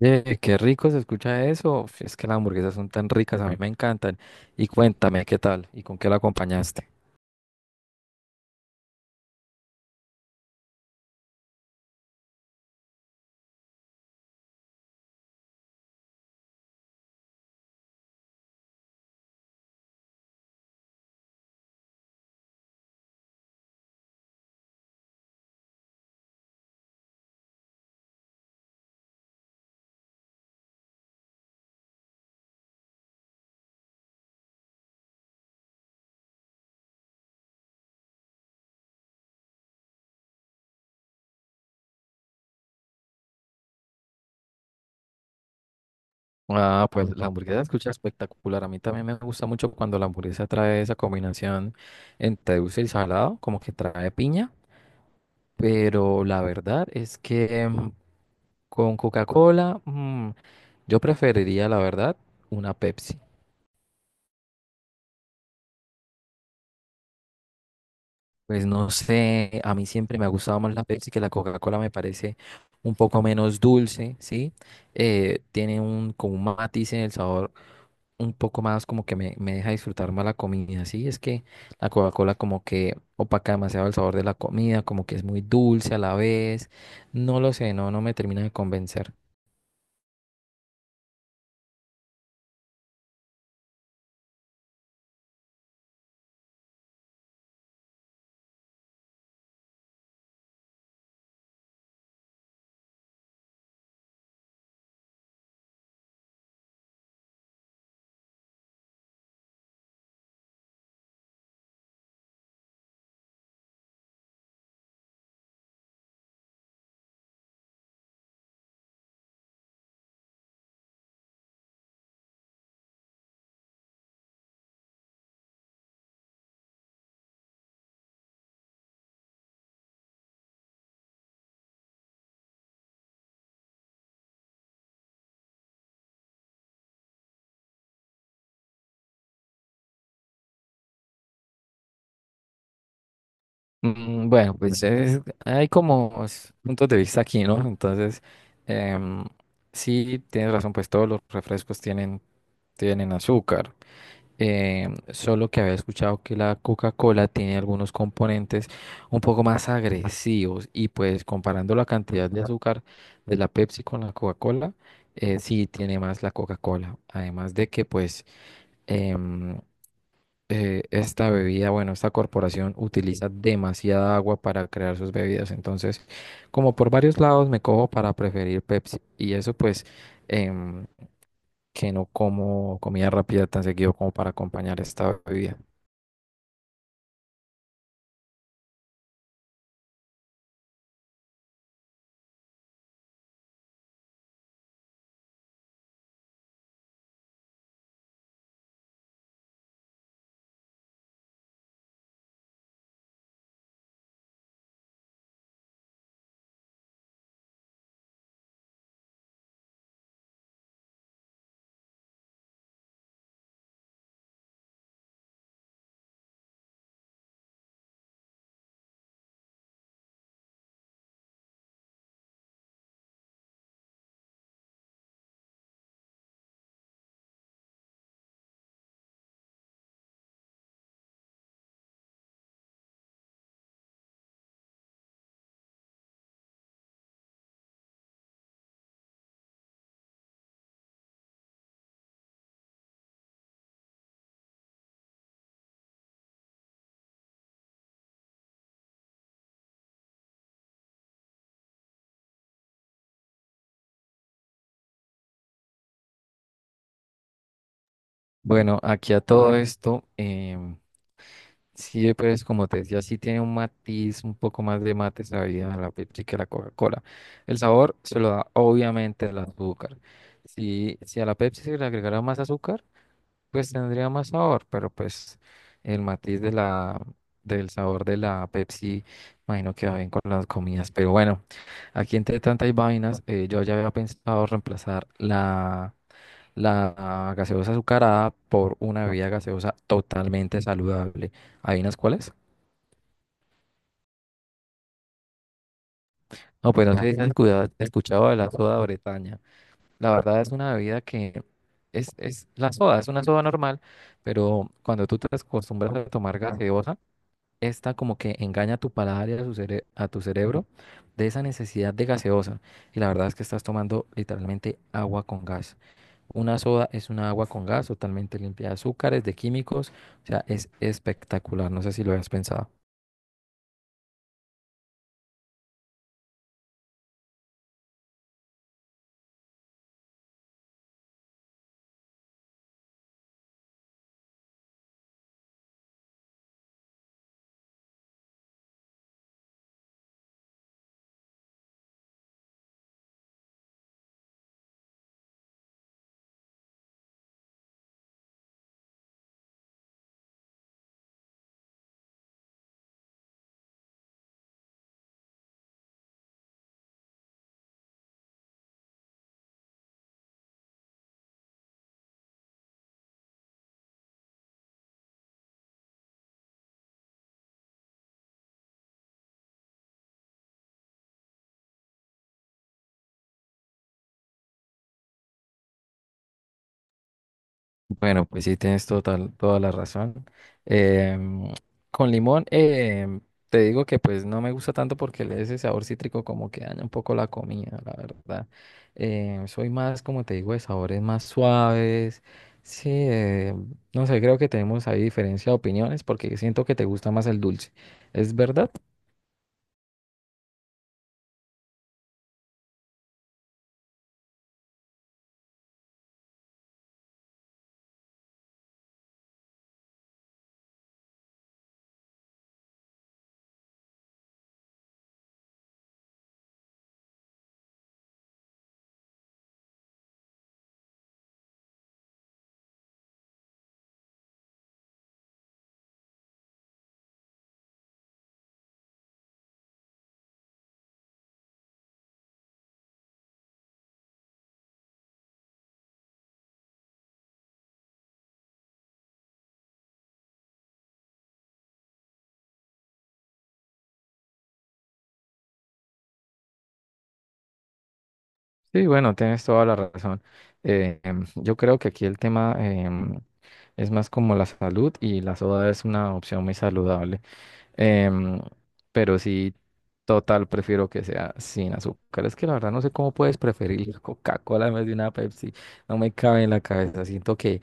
Oye, qué rico se escucha eso. Uf, es que las hamburguesas son tan ricas, a mí me encantan. Y cuéntame, ¿qué tal? ¿Y con qué la acompañaste? Ah, pues la hamburguesa se escucha espectacular. A mí también me gusta mucho cuando la hamburguesa trae esa combinación entre dulce y salado, como que trae piña. Pero la verdad es que con Coca-Cola, yo preferiría, la verdad, una Pepsi. Pues no sé, a mí siempre me ha gustado más la Pepsi que la Coca-Cola, me parece un poco menos dulce, ¿sí? Tiene un, como un matiz en el sabor un poco más como que me deja disfrutar más la comida, ¿sí? Es que la Coca-Cola como que opaca demasiado el sabor de la comida, como que es muy dulce a la vez, no lo sé, no me termina de convencer. Mm. Bueno, pues hay como puntos de vista aquí, ¿no? Entonces, em, sí, tienes razón, pues todos los refrescos tienen azúcar. Solo que había escuchado que la Coca-Cola tiene algunos componentes un poco más agresivos y pues comparando la cantidad de azúcar de la Pepsi con la Coca-Cola, sí tiene más la Coca-Cola. Además de que pues... em, esta bebida, bueno, esta corporación utiliza demasiada agua para crear sus bebidas. Entonces, como por varios lados me cojo para preferir Pepsi. Y eso pues em, que no como comida rápida tan seguido como para acompañar esta bebida. Bueno, aquí a todo esto, sí, pues como te decía, sí tiene un matiz, un poco más de mate esa bebida, la Pepsi que la Coca-Cola. El sabor se lo da obviamente el azúcar. Si, si a la Pepsi se le agregara más azúcar, pues tendría más sabor, pero pues el matiz del sabor de la Pepsi, imagino que va bien con las comidas. Pero bueno, aquí entre tantas vainas, yo ya había pensado reemplazar la gaseosa azucarada por una bebida gaseosa totalmente saludable. ¿Adivinas cuál es? No, pues no sé si has escuchado de la soda Bretaña. La verdad es una bebida que es la soda, es una soda normal, pero cuando tú te acostumbras a tomar gaseosa, esta como que engaña a tu paladar y a tu cerebro de esa necesidad de gaseosa. Y la verdad es que estás tomando literalmente agua con gas. Una soda es una agua con gas totalmente limpia de azúcares, de químicos. O sea, es espectacular. No sé si lo habías pensado. Bueno, pues sí, tienes toda la razón. Em, con limón, te digo que pues no me gusta tanto porque ese sabor cítrico como que daña un poco la comida, la verdad. Soy más, como te digo, de sabores más suaves. Sí, no sé, creo que tenemos ahí diferencia de opiniones porque siento que te gusta más el dulce. ¿Es verdad? Sí, bueno, tienes toda la razón. Yo creo que aquí el tema... es más como la salud y la soda es una opción muy saludable. Em, pero sí, total, prefiero que sea sin azúcar. Es que la verdad no sé cómo puedes preferir la Coca-Cola en vez de una Pepsi. No me cabe en la cabeza.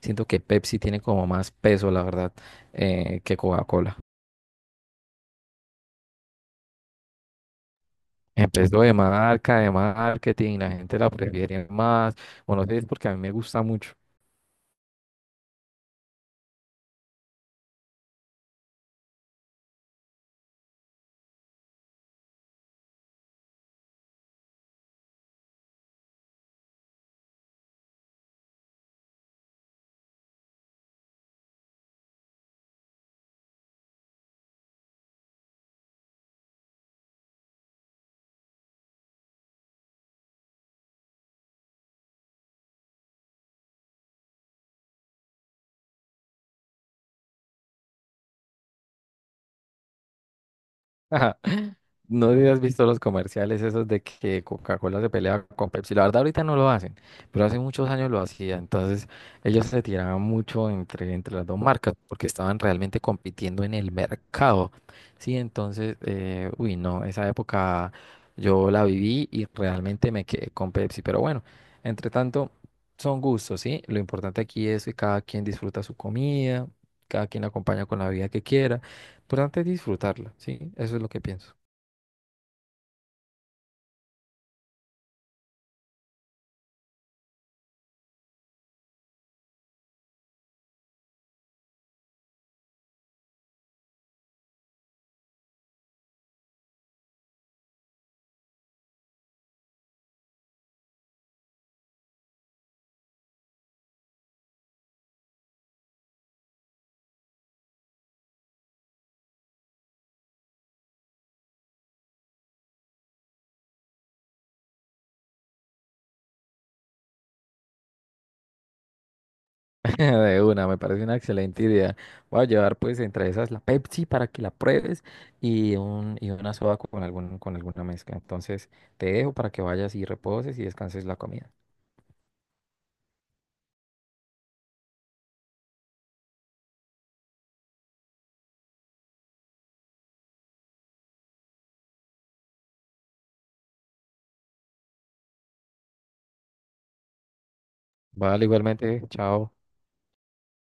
Siento que Pepsi tiene como más peso, la verdad, que Coca-Cola. Empezó de marca, de marketing, la gente la prefiere más. Bueno, no sé, es porque a mí me gusta mucho. Ajá. No sé si has visto los comerciales esos de que Coca-Cola se pelea con Pepsi. La verdad ahorita no lo hacen, pero hace muchos años lo hacía. Entonces ellos se tiraban mucho entre las dos marcas porque estaban realmente compitiendo en el mercado. Sí, entonces, uy, no, esa época yo la viví y realmente me quedé con Pepsi. Pero bueno, entre tanto, son gustos, ¿sí? Lo importante aquí es que cada quien disfruta su comida, cada quien la acompaña con la bebida que quiera. Importante es disfrutarla, ¿sí? Eso es lo que pienso. De una, me parece una excelente idea. Voy a llevar pues entre esas la Pepsi para que la pruebes y una soda con con alguna mezcla. Entonces te dejo para que vayas y reposes y descanses la comida. Vale, igualmente, chao.